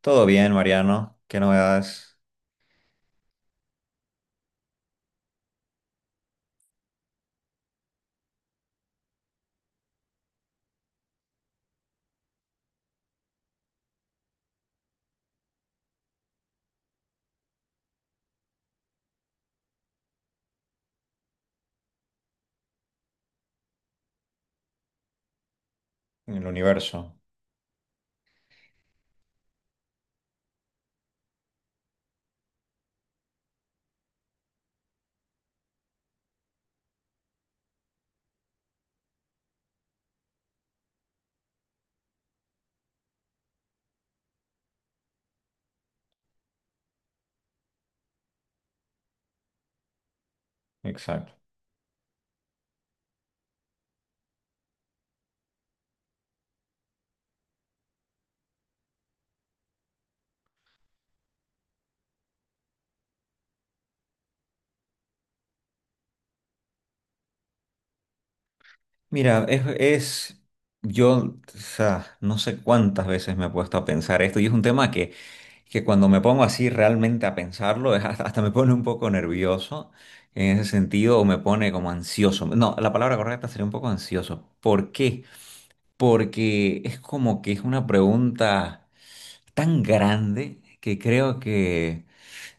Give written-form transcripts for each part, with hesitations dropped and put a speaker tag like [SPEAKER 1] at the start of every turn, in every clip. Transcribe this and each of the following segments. [SPEAKER 1] Todo bien, Mariano. ¿Qué novedades en el universo? Exacto. Mira, yo, o sea, no sé cuántas veces me he puesto a pensar esto y es un tema que cuando me pongo así realmente a pensarlo, es hasta me pone un poco nervioso en ese sentido o me pone como ansioso. No, la palabra correcta sería un poco ansioso. ¿Por qué? Porque es como que es una pregunta tan grande que creo que...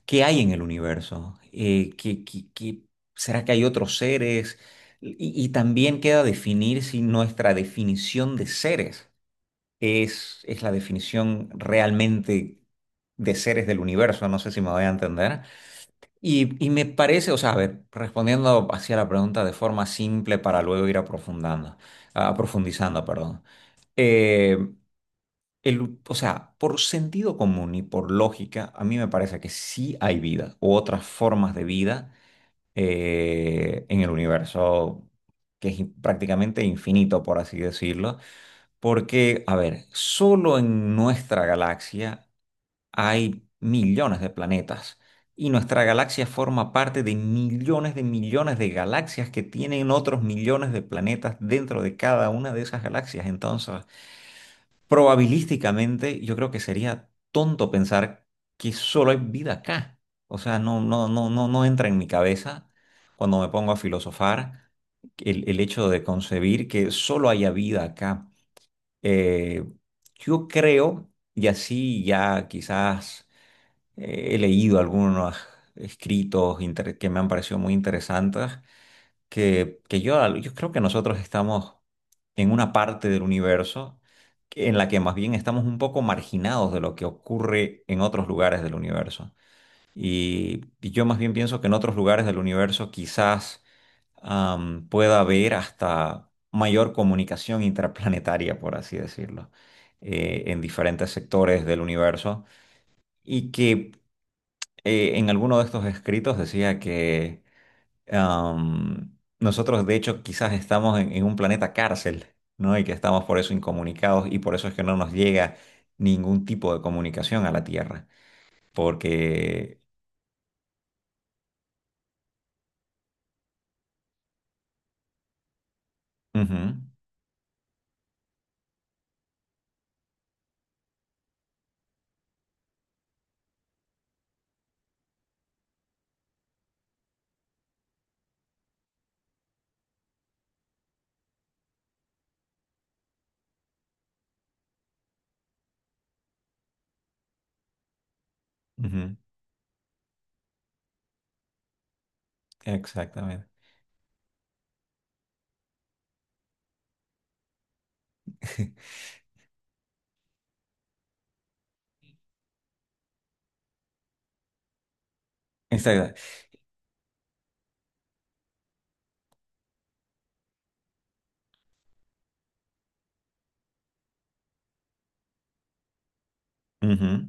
[SPEAKER 1] ¿Qué hay en el universo? ¿Será que hay otros seres? Y también queda definir si nuestra definición de seres es la definición realmente de seres del universo. No sé si me voy a entender. Y me parece, o sea, a ver, respondiendo hacia la pregunta de forma simple para luego ir aprofundando, profundizando, perdón. Eh, o sea, por sentido común y por lógica, a mí me parece que sí hay vida u otras formas de vida en el universo que es prácticamente infinito, por así decirlo, porque, a ver, solo en nuestra galaxia hay millones de planetas y nuestra galaxia forma parte de millones de millones de galaxias que tienen otros millones de planetas dentro de cada una de esas galaxias. Entonces, probabilísticamente yo creo que sería tonto pensar que solo hay vida acá. O sea, no, no, no, no, no entra en mi cabeza cuando me pongo a filosofar el hecho de concebir que solo haya vida acá. Eh, yo creo, y así ya quizás he leído algunos escritos que me han parecido muy interesantes, que, que yo, yo creo que nosotros estamos en una parte del universo en la que más bien estamos un poco marginados de lo que ocurre en otros lugares del universo. Y yo más bien pienso que en otros lugares del universo quizás pueda haber hasta mayor comunicación intraplanetaria, por así decirlo, en diferentes sectores del universo. Y que en alguno de estos escritos decía que nosotros, de hecho, quizás estamos en un planeta cárcel, ¿no? Y que estamos por eso incomunicados y por eso es que no nos llega ningún tipo de comunicación a la Tierra. Porque... Ujú, ujú, exactamente. Exacto. Ujú,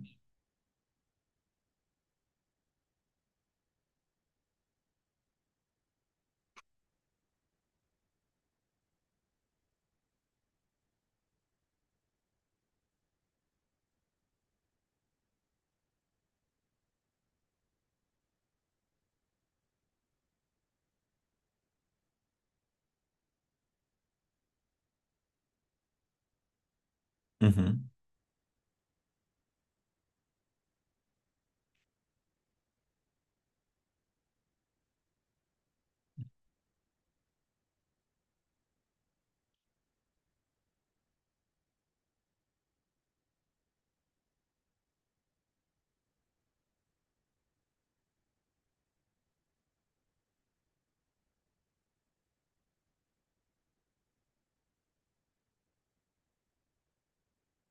[SPEAKER 1] ujú,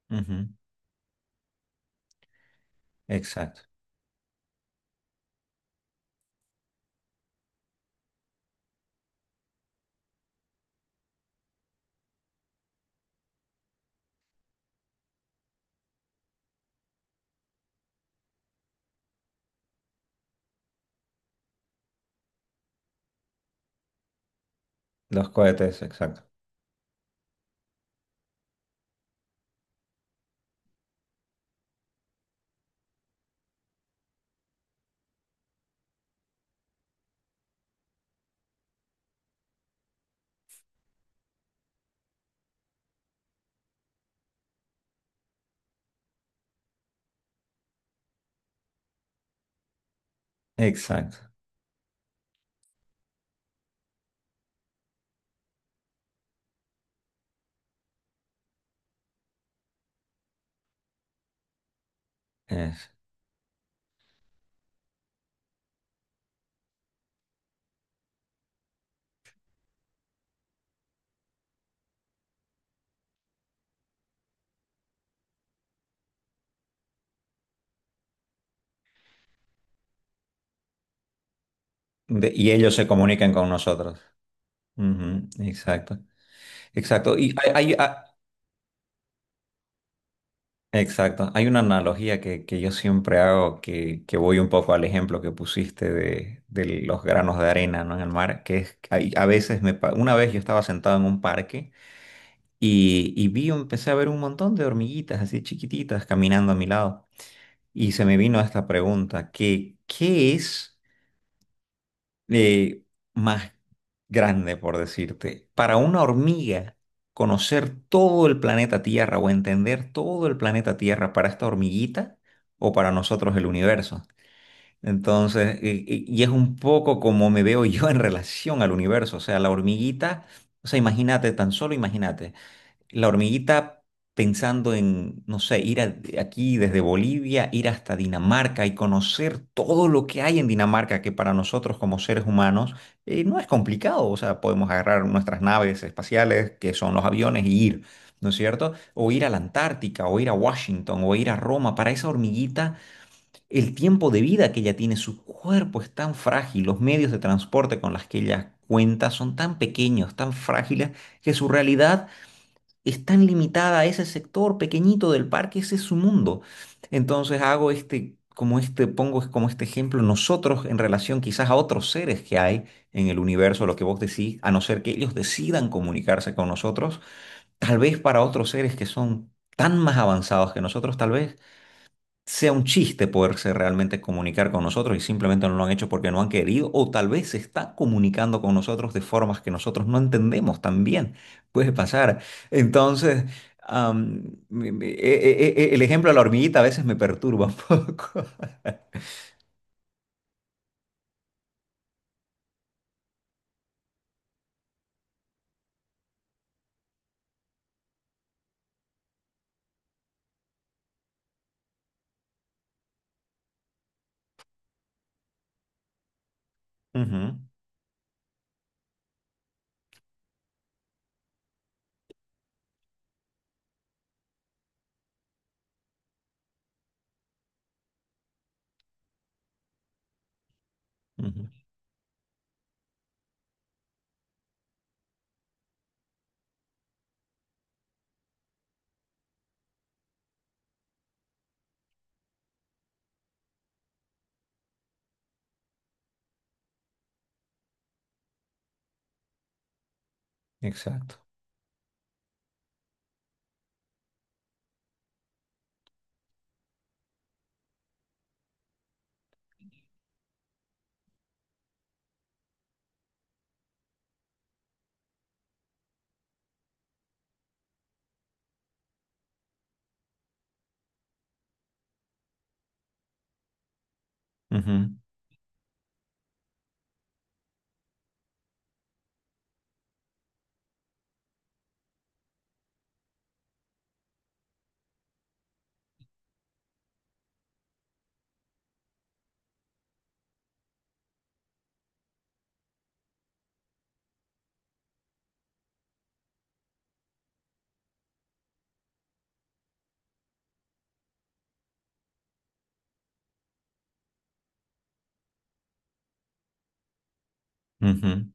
[SPEAKER 1] ujú. Exacto. Los cohetes, exacto. Exacto. Es. De- y ellos se comunican con nosotros. Ujú, exacto. Exacto. Y exacto. Hay una analogía que yo siempre hago que voy un poco al ejemplo que pusiste de los granos de arena, ¿no?, en el mar, que es, a veces una vez yo estaba sentado en un parque y vi, empecé a ver un montón de hormiguitas así chiquititas caminando a mi lado y se me vino esta pregunta, que, ¿qué es eh, más grande, por decirte? Para una hormiga, conocer todo el planeta Tierra o entender todo el planeta Tierra para esta hormiguita o para nosotros el universo. Entonces, y es un poco como me veo yo en relación al universo. O sea, la hormiguita, o sea, imagínate, tan solo imagínate la hormiguita pensando en, no sé, ir aquí desde Bolivia, ir hasta Dinamarca y conocer todo lo que hay en Dinamarca, que para nosotros como seres humanos no es complicado. O sea, podemos agarrar nuestras naves espaciales, que son los aviones, y ir, ¿no es cierto? O ir a la Antártica, o ir a Washington, o ir a Roma. Para esa hormiguita, el tiempo de vida que ella tiene, su cuerpo es tan frágil, los medios de transporte con los que ella cuenta son tan pequeños, tan frágiles, que su realidad es tan limitada a ese sector pequeñito del parque, ese es su mundo. Entonces hago este, como este, pongo como este ejemplo nosotros en relación quizás a otros seres que hay en el universo, lo que vos decís, a no ser que ellos decidan comunicarse con nosotros, tal vez para otros seres que son tan más avanzados que nosotros, tal vez sea un chiste poderse realmente comunicar con nosotros y simplemente no lo han hecho porque no han querido o tal vez se están comunicando con nosotros de formas que nosotros no entendemos también. Puede pasar. Entonces, am, me- me- e- e- e- e, el ejemplo de la hormiguita a veces me perturba un poco. Ujú, ujú. Exacto. Ujú, ujú.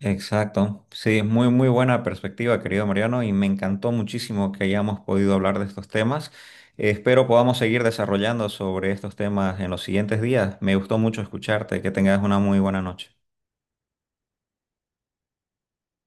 [SPEAKER 1] Exacto. Sí, muy, muy buena perspectiva, querido Mariano, y me encantó muchísimo que hayamos podido hablar de estos temas. Espero podamos seguir desarrollando sobre estos temas en los siguientes días. Me gustó mucho escucharte. Que tengas una muy buena noche.